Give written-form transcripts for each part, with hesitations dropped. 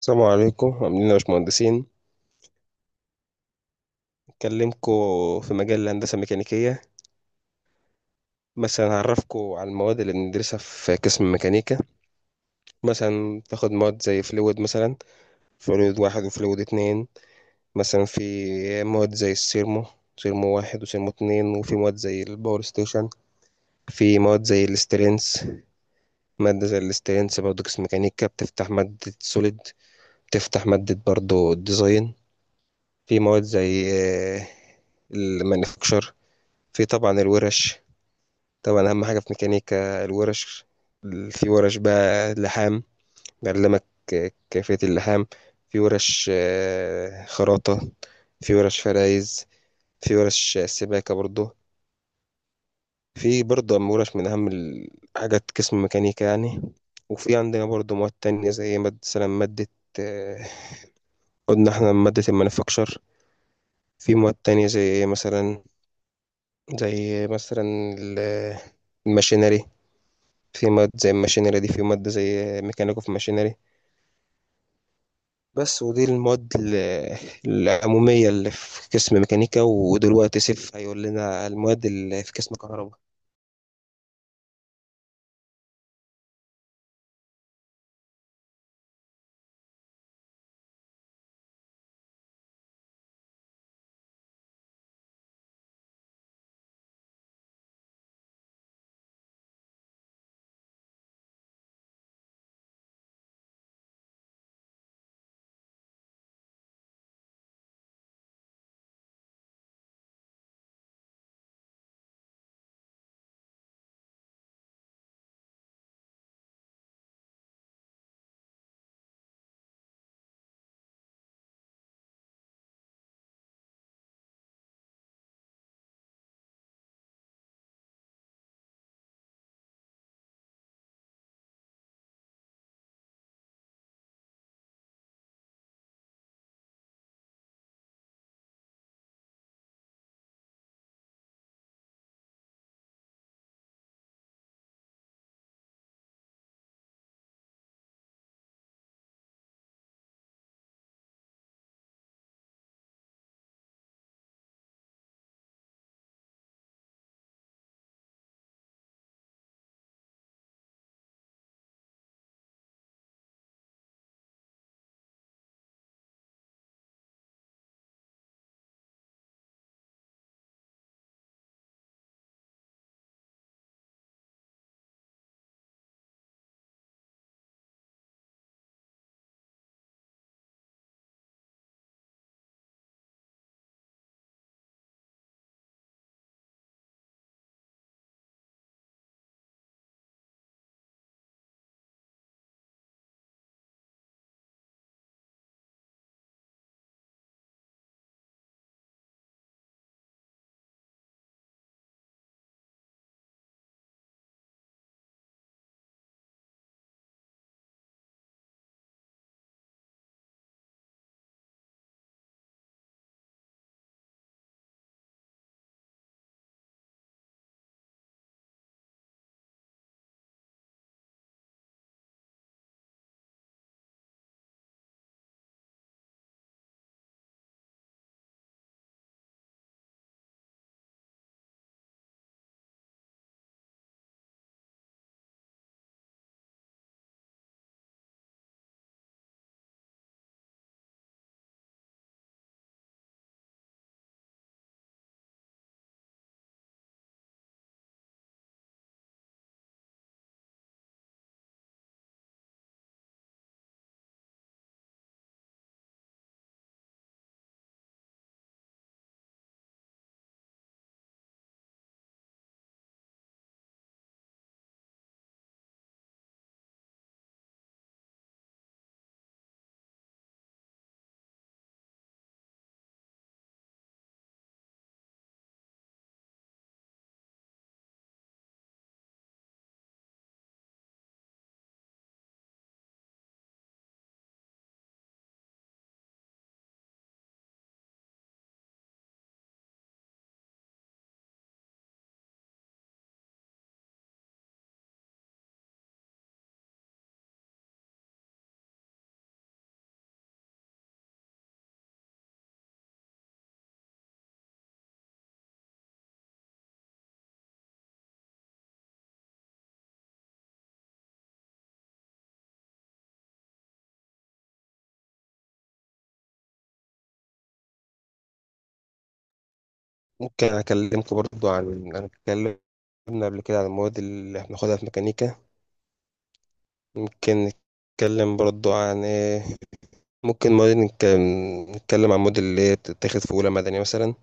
السلام عليكم، عاملين إيه يا باشمهندسين؟ أكلمكم في مجال الهندسة الميكانيكية. مثلا هعرفكم على المواد اللي بندرسها في قسم الميكانيكا. مثلا تاخد مواد زي فلويد، مثلا فلويد واحد وفلويد اتنين. مثلا في مواد زي السيرمو، سيرمو واحد وسيرمو اتنين، وفي مواد زي الباور ستيشن. في مواد زي الاسترينس. مادة زي الاسترينس برضه قسم ميكانيكا بتفتح مادة سوليد، بتفتح مادة برضه الديزاين. في مواد زي آه، المانيفاكتشر. في طبعا الورش. طبعا اهم حاجه في ميكانيكا الورش. في ورش بقى لحام، بيعلمك كيفيه اللحام. في ورش خراطه. في ورش فرايز. في ورش سباكه برضو. في برضو أهم ورش، من اهم الحاجات قسم ميكانيكا يعني. وفي عندنا برضو مواد تانية زي مادة، مثلا مادة، آه، قلنا احنا مادة المانيفاكتشر. في مواد تانية زي مثلا ال- الماشينري. في مواد زي الماشينري دي، في مادة زي ميكانيكا في ماشينري بس. ودي المواد العمومية اللي في قسم ميكانيكا. ودلوقتي سيف هيقول لنا المواد اللي في قسم كهرباء. ممكن أكلمكم برضو عن، أنا اتكلمنا قبل كده عن المواد اللي هناخدها في ميكانيكا. ممكن نتكلم برضو عن إيه؟ ممكن مواد نتكلم عن موديل اللي هي بتتاخد في أولى مدني مثلا.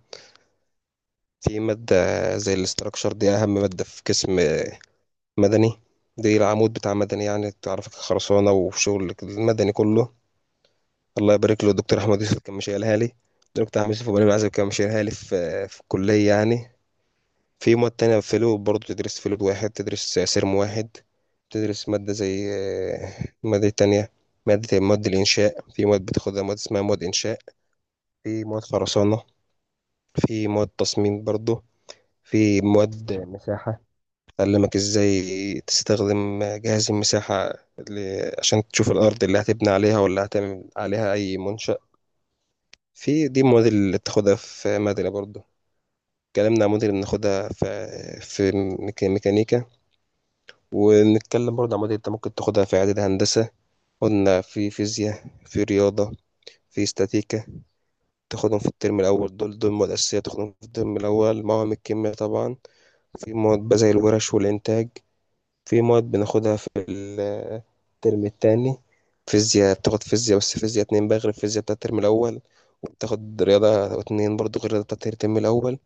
في مادة زي الاستراكشر، دي أهم مادة في قسم مدني. دي العمود بتاع مدني يعني، تعرفك خرسانة وشغل المدني كله. الله يبارك له الدكتور أحمد يوسف، كان مشيلها لي الدكتور أحمد يوسف وبني العزب، كان مشيلها لي في الكلية يعني. في مواد تانية، فلو برضه تدرس فلود واحد، تدرس سيرم واحد، تدرس مادة زي، مادة تانية، مادة مواد الإنشاء. في مواد بتاخدها، مواد اسمها مواد إنشاء. في مواد خرسانة. في مواد تصميم برضه. في مواد مساحة، أعلمك إزاي تستخدم جهاز المساحة اللي عشان تشوف الأرض اللي هتبني عليها ولا هتعمل عليها أي منشأ. في دي المواد اللي بتاخدها في مدني برضه. اتكلمنا عن موديل بناخدها في في ميكانيكا. ونتكلم برضه عن موديل انت ممكن تاخدها في إعداد هندسة. قلنا في فيزياء، في رياضة، في استاتيكا، تاخدهم في الترم الأول. دول مواد أساسية تاخدهم في الترم الأول، مواد الكيمياء طبعا. في مواد بقى زي الورش والإنتاج. في مواد بناخدها في الترم التاني. فيزياء، بتاخد فيزياء، بس فيزياء اتنين بقى غير الفيزياء بتاعت الترم الأول. وبتاخد رياضة اتنين برضو غير الرياضة بتاعت الترم الأول.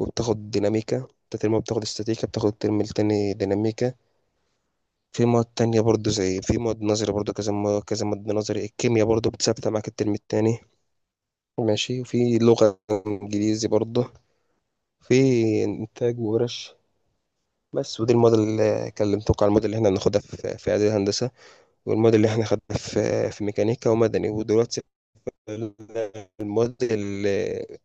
وبتاخد ديناميكا بتاعت الترم الأول، بتاخد استاتيكا، بتاخد الترم التاني ديناميكا. في مواد تانية برضو، زي في مواد نظري برضو، كذا مواد، كذا مادة نظري. الكيمياء برضو بتثبت معاك الترم التاني، ماشي. وفي لغة إنجليزي برضو. في إنتاج وورش بس. ودي المواد اللي كلمتك على المواد اللي احنا بناخدها في إعدادي هندسة، والمواد اللي احنا خدناها في ميكانيكا ومدني. ودلوقتي الموديل